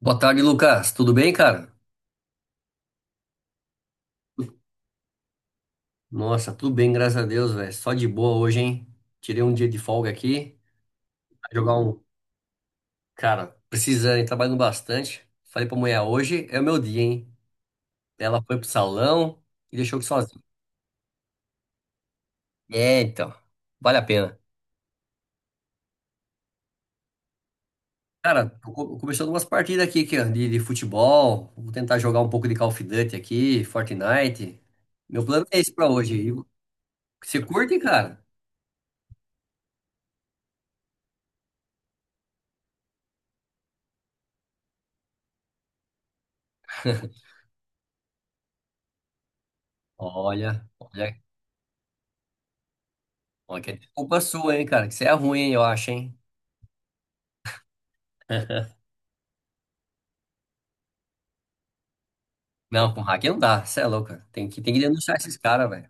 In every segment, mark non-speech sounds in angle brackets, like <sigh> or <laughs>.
Boa tarde, Lucas. Tudo bem, cara? Nossa, tudo bem, graças a Deus, velho. Só de boa hoje, hein? Tirei um dia de folga aqui. Vai jogar um. Cara, precisando, hein? Trabalhando bastante. Falei pra mulher, hoje é o meu dia, hein? Ela foi pro salão e deixou eu sozinho. É, então. Vale a pena. Cara, começando umas partidas aqui, aqui ó, de futebol. Vou tentar jogar um pouco de Call of Duty aqui, Fortnite. Meu plano é esse pra hoje. E você curte, cara? <laughs> Olha, olha. Ó, que é culpa sua, hein, cara, que você é ruim, hein, eu acho, hein. <laughs> Não, com hack não dá, você é louco, cara. Tem que denunciar esses caras, velho.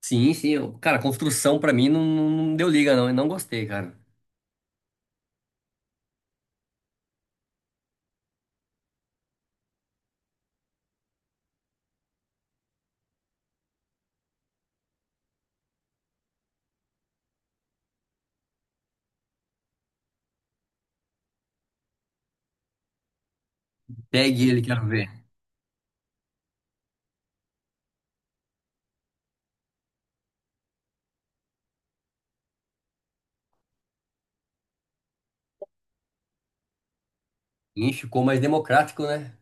Sim, sim, cara, construção pra mim não, não deu liga, não, eu não gostei, cara. Pegue ele, quero ver. Ih, ficou mais democrático, né?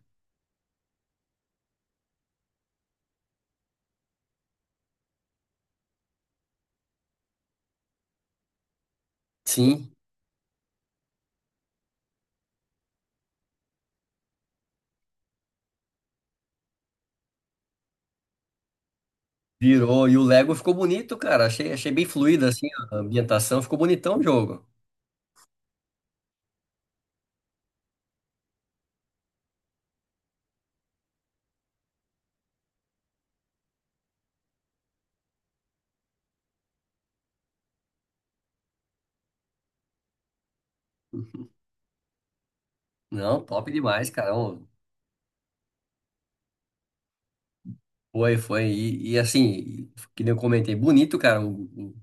Sim, virou. E o Lego ficou bonito, cara, achei, achei bem fluido, assim, a ambientação, ficou bonitão o jogo. Não, top demais, cara. Ô, foi, foi. E assim, que nem eu comentei, bonito, cara, o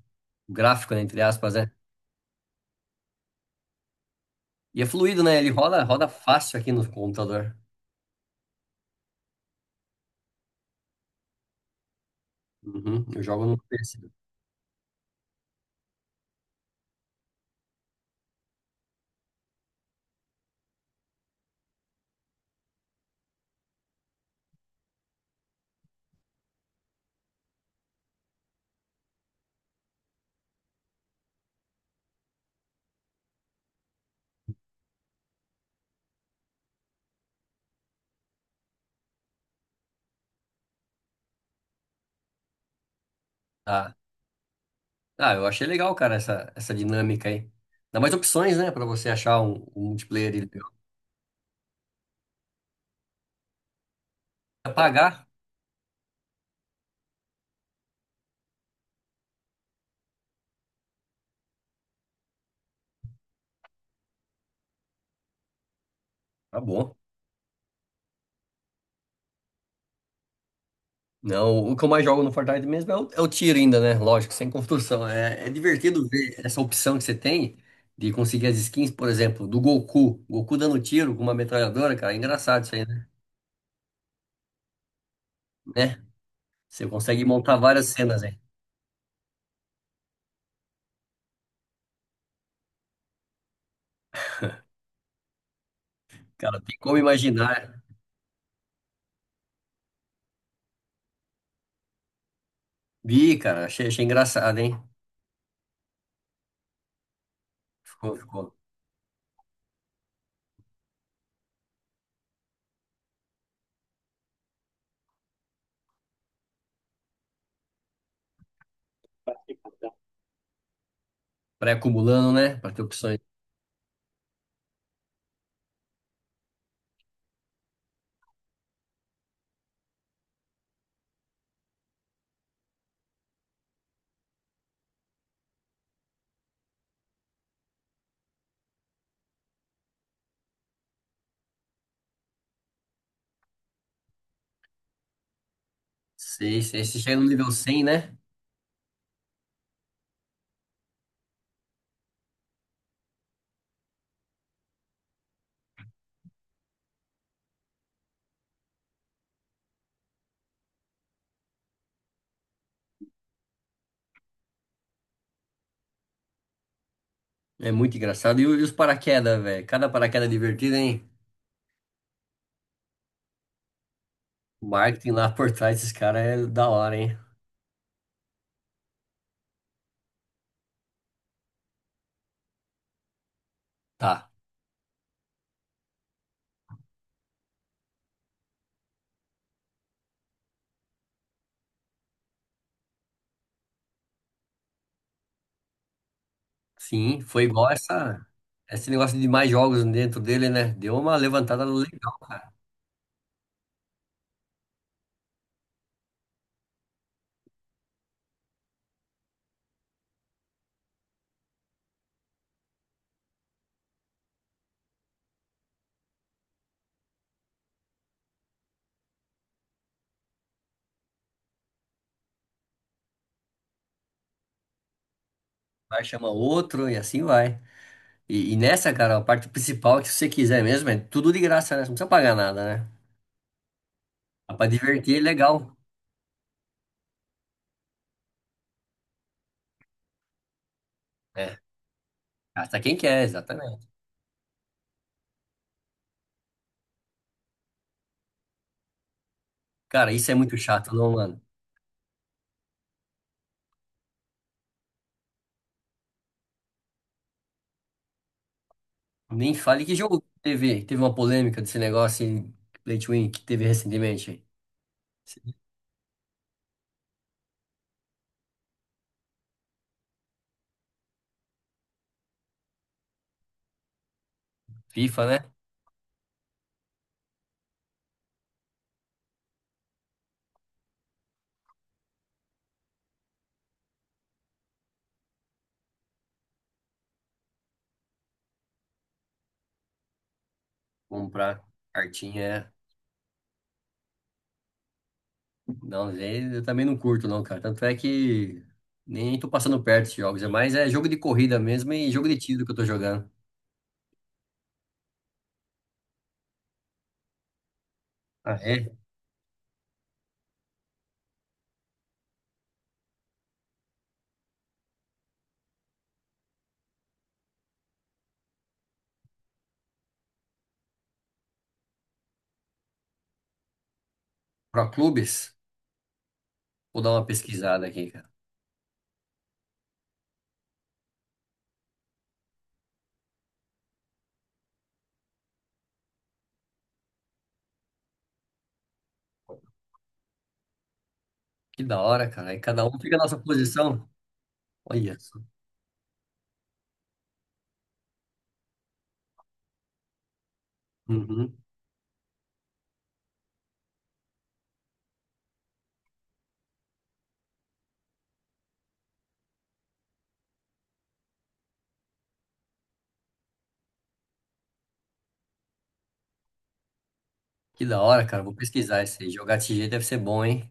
gráfico, né, entre aspas, né? E é fluido, né? Ele roda, roda fácil aqui no computador. Uhum, eu jogo no PC. Tá. Eu achei legal, cara, essa dinâmica aí. Dá mais opções, né, pra você achar um multiplayer ali legal. Apagar, tá bom. Não, o que eu mais jogo no Fortnite mesmo é o tiro ainda, né? Lógico, sem construção. É, é divertido ver essa opção que você tem de conseguir as skins, por exemplo, do Goku. Goku dando tiro com uma metralhadora, cara. É engraçado isso aí, né? Né? Você consegue montar várias cenas, né? Cara, tem como imaginar. Vi, cara, achei, achei engraçado, hein? Ficou, ficou pré-acumulando, né? Pra ter opções. Sei, sei. Você chega no nível 100 né? É muito engraçado. E, e os paraquedas, velho? Cada paraquedas divertido, hein? O marketing lá por trás desses caras é da hora, hein? Tá. Sim, foi igual essa, esse negócio de mais jogos dentro dele, né? Deu uma levantada legal, cara. Vai chama outro e assim vai. E nessa, cara, a parte principal é que se você quiser mesmo, é tudo de graça, né? Você não precisa pagar nada, né? Dá pra divertir, é legal. É. Gasta quem quer, exatamente. Cara, isso é muito chato, não, mano. Nem fale que jogo teve, teve uma polêmica desse negócio em Play to Win que teve recentemente. FIFA, né? Comprar cartinha, é. Não, aí eu também não curto não, cara. Tanto é que nem tô passando perto de jogos, é mais é jogo de corrida mesmo e jogo de tiro que eu tô jogando. Ah, é? Pro Clubes? Vou dar uma pesquisada aqui, cara. Que da hora, cara. Aí cada um fica na sua posição. Olha só. Uhum. Que da hora, cara. Vou pesquisar isso aí. Jogar desse jeito deve ser bom, hein?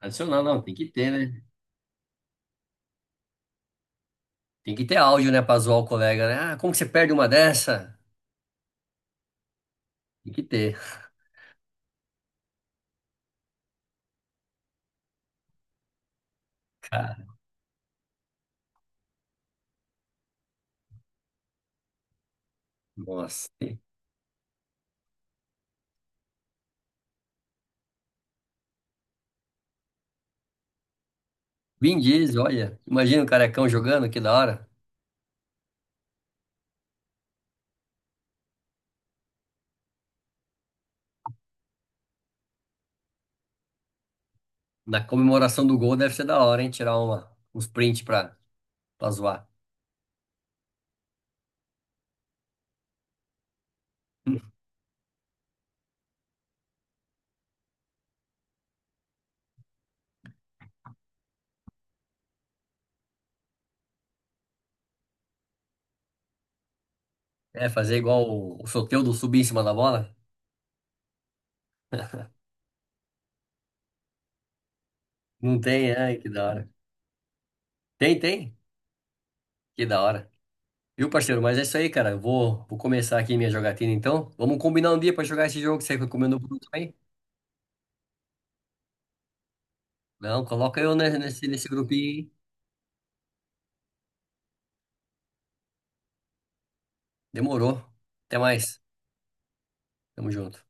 Adicional, não, tem que ter, né? Tem que ter áudio, né, pra zoar o colega, né? Ah, como que você perde uma dessa? Tem que ter, <laughs> cara. Nossa. Vin Diesel, olha. Imagina o carecão jogando, que da hora. Na comemoração do gol deve ser da hora, hein? Tirar uma, uns prints pra, pra zoar. É, fazer igual o Soteldo subir em cima da bola? Não tem, ai, que da hora. Tem, tem? Que da hora. Viu, parceiro? Mas é isso aí, cara. Eu vou começar aqui minha jogatina, então. Vamos combinar um dia pra jogar esse jogo que você recomendou pro grupo aí? Não, coloca nesse, nesse grupinho, hein? Demorou. Até mais. Tamo junto.